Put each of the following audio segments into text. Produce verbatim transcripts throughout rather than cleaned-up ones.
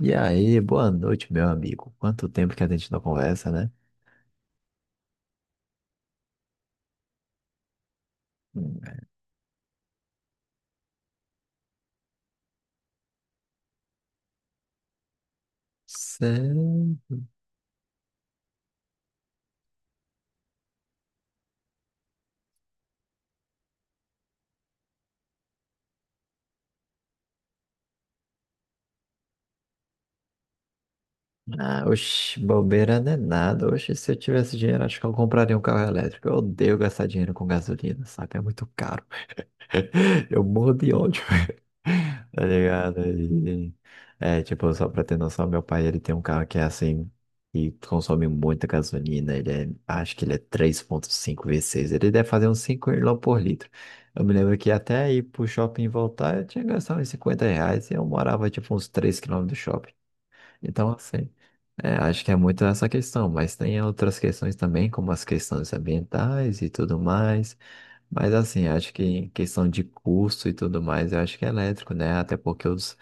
E aí, boa noite, meu amigo. Quanto tempo que a gente não conversa, né? Hum. Cê... Ah, oxe, bobeira não é nada. Oxe, se eu tivesse dinheiro, acho que eu compraria um carro elétrico. Eu odeio gastar dinheiro com gasolina, saca? É muito caro. Eu morro de ódio, tá ligado? E, é, tipo, só pra ter noção, meu pai, ele tem um carro que é assim, e consome muita gasolina, ele é, acho que ele é três ponto cinco v seis. Ele deve fazer uns cinco quilômetros por litro. Eu me lembro que até ir pro shopping e voltar, eu tinha que gastar uns cinquenta reais, e eu morava, tipo, uns três quilômetros do shopping. Então, assim, é, acho que é muito essa questão, mas tem outras questões também, como as questões ambientais e tudo mais. Mas, assim, acho que em questão de custo e tudo mais, eu acho que é elétrico, né? Até porque os,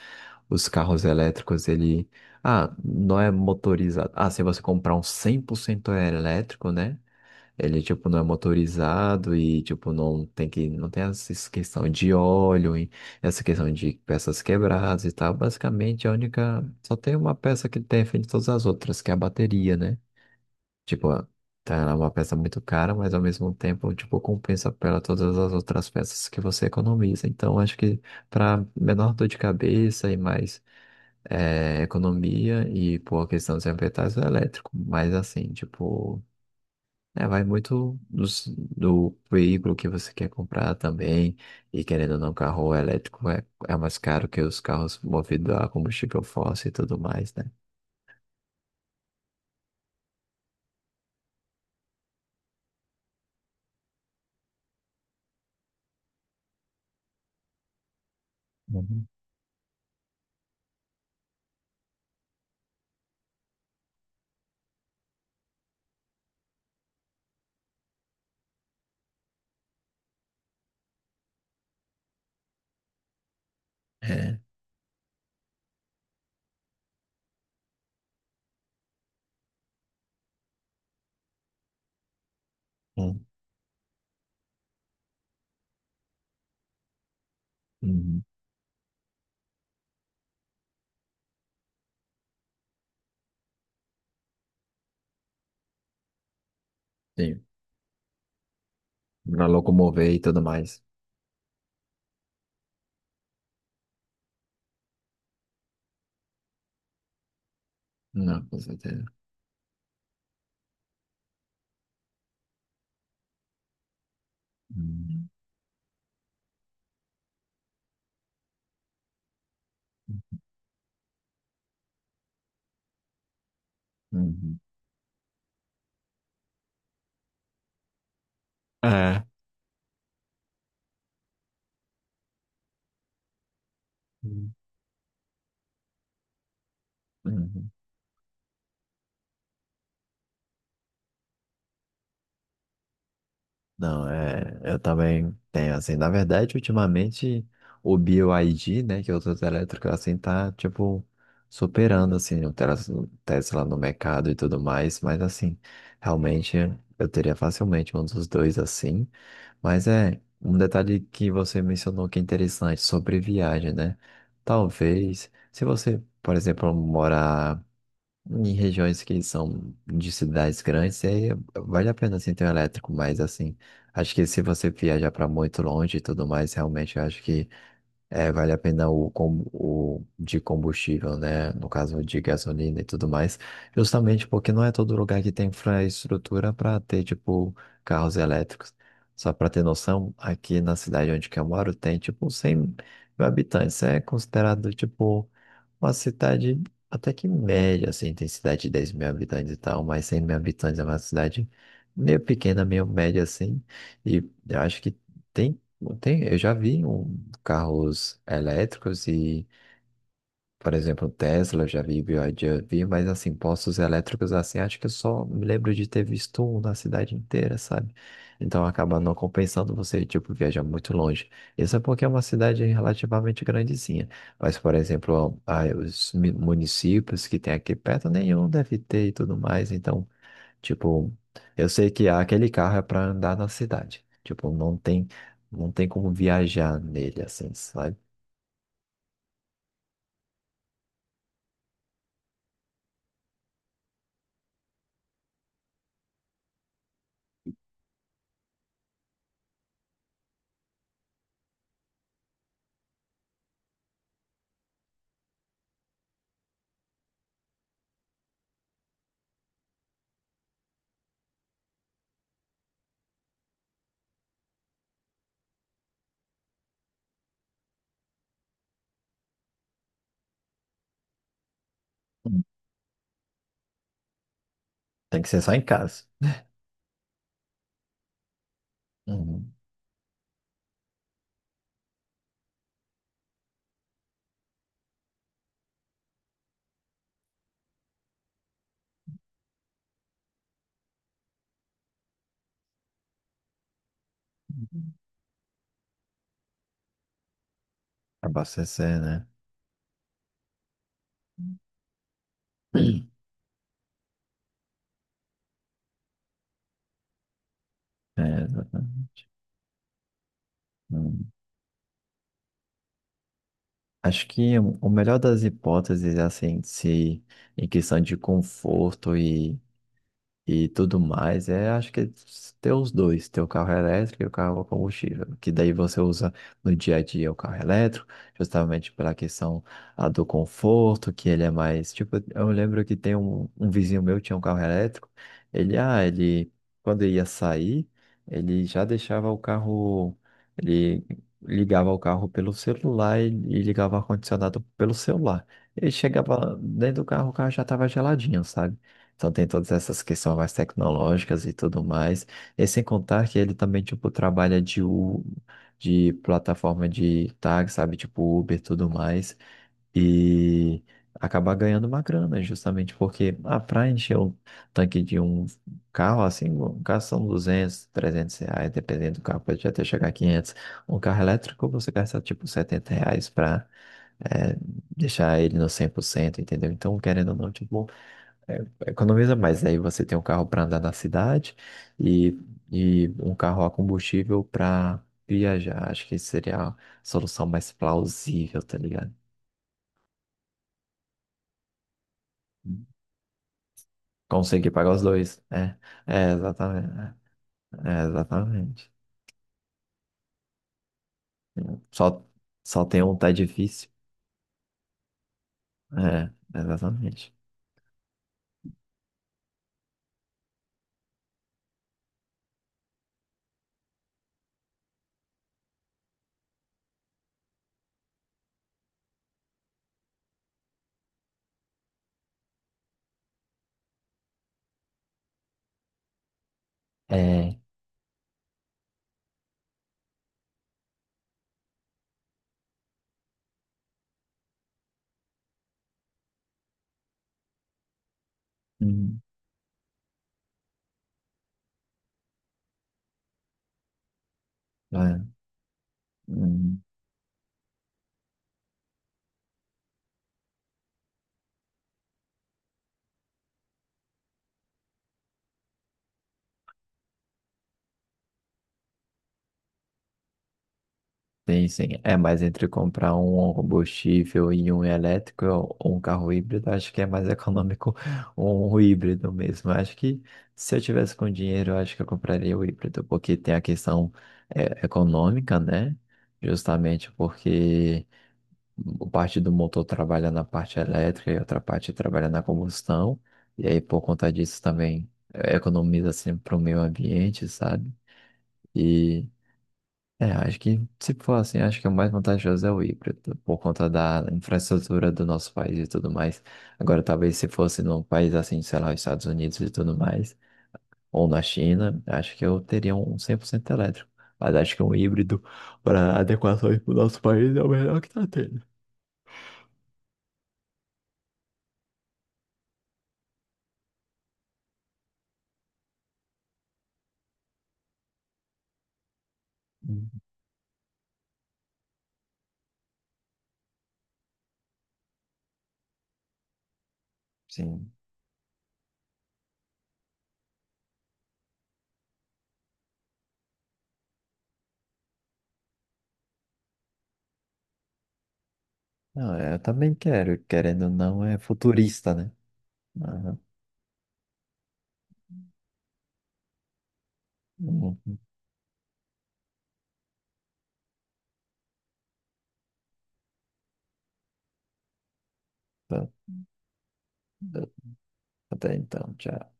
os carros elétricos, ele. Ah, não é motorizado. Ah, se você comprar um cem por cento elétrico, né? Ele, tipo, não é motorizado e, tipo, não tem que, não tem essa questão de óleo, e essa questão de peças quebradas e tal. Basicamente, a única, só tem uma peça que defende todas as outras, que é a bateria, né? Tipo, a- tá, ela é uma peça muito cara, mas ao mesmo tempo, tipo, compensa pela todas as outras peças que você economiza. Então, acho que para menor dor de cabeça e mais eh, economia e por questão dos ambientais, é elétrico. Mas, assim, tipo... É, vai muito do, s- do veículo que você quer comprar também. E querendo ou não, carro elétrico é, é mais caro que os carros movidos a combustível fóssil e tudo mais, né? Uhum. É. Hum. Uhum. Sim. Pra locomover e tudo mais. Não, com certeza. Uhum. Uhum. É. Uhum. Não, é, eu também tenho, assim, na verdade, ultimamente, o BioID, né, que é outro elétrico, assim, tá, tipo, superando, assim, o Telas- o Tesla no mercado e tudo mais, mas, assim, realmente, eu teria facilmente um dos dois, assim, mas é um detalhe que você mencionou que é interessante, sobre viagem, né, talvez, se você, por exemplo, morar em regiões que são de cidades grandes, aí vale a pena assim, ter um elétrico, mas assim, acho que se você viajar para muito longe e tudo mais, realmente eu acho que é, vale a pena o, com- o de combustível, né? No caso de gasolina e tudo mais, justamente porque não é todo lugar que tem infraestrutura para ter, tipo, carros elétricos. Só para ter noção, aqui na cidade onde que eu moro tem, tipo, cem mil habitantes. É considerado, tipo, uma cidade até que média, assim, tem cidade de dez mil habitantes e tal, mas cem mil habitantes é uma cidade meio pequena, meio média, assim, e eu acho que tem. Tem, eu já vi um carros elétricos e, por exemplo, Tesla, eu já vi, B Y D, eu vi, mas assim, postos elétricos assim, acho que eu só me lembro de ter visto um na cidade inteira, sabe? Então acaba não compensando você, tipo, viajar muito longe. Isso é porque é uma cidade relativamente grandezinha. Mas, por exemplo, ah, os mi- municípios que tem aqui perto, nenhum deve ter e tudo mais. Então, tipo, eu sei que aquele carro é para andar na cidade. Tipo, não tem, não tem como viajar nele, assim, sabe? Tem que ser só em casa. Uhum. Abastecer, né? É, exatamente. Hum. Acho que o o melhor das hipóteses é assim, se em questão de conforto e e tudo mais, é acho que é ter os dois, ter o carro elétrico e o carro a combustível, que daí você usa no dia a dia o carro elétrico, justamente pela questão a do conforto, que ele é mais, tipo, eu lembro que tem um, um vizinho meu que tinha um carro elétrico, ele, ah, ele, quando ia sair, ele já deixava o carro, ele ligava o carro pelo celular e, e ligava o ar-condicionado pelo celular. Ele chegava dentro do carro, o carro já estava geladinho, sabe? Então tem todas essas questões mais tecnológicas e tudo mais. E sem contar que ele também, tipo, trabalha de, U- de plataforma de tag, sabe? Tipo Uber e tudo mais. E acabar ganhando uma grana, justamente porque, ah, pra encher o tanque de um carro, assim, um carro são duzentos, trezentos reais, dependendo do carro, pode até chegar a quinhentos. Um carro elétrico você gasta, tipo, setenta reais pra é, deixar ele no cem por cento, entendeu? Então, querendo ou não, tipo é, economiza mais, aí você tem um carro para andar na cidade e, e um carro a combustível para viajar. Acho que seria a solução mais plausível, tá ligado? Conseguir pagar os dois. é É, exatamente. É, é, exatamente. Só, só tem um, tá difícil. É, exatamente. É. Hum, é. Hum. Sim, sim. É, mas entre comprar um combustível e um elétrico ou um carro híbrido, acho que é mais econômico um híbrido mesmo. Acho que se eu tivesse com dinheiro, eu acho que eu compraria o híbrido, porque tem a questão é, econômica, né? Justamente porque o parte do motor trabalha na parte elétrica e outra parte trabalha na combustão. E aí, por conta disso, também é, economiza assim, para o meio ambiente, sabe? E é, acho que, se for assim, acho que o mais vantajoso é o híbrido, por conta da infraestrutura do nosso país e tudo mais. Agora, talvez se fosse num país assim, sei lá, os Estados Unidos e tudo mais, ou na China, acho que eu teria um cem por cento elétrico. Mas acho que um híbrido para adequações para o nosso país é o melhor que está tendo. Hum, Sim. Não, é, eu também quero, querendo ou não, é futurista, né? Aham. Uhum. Tá. Até então, tchau.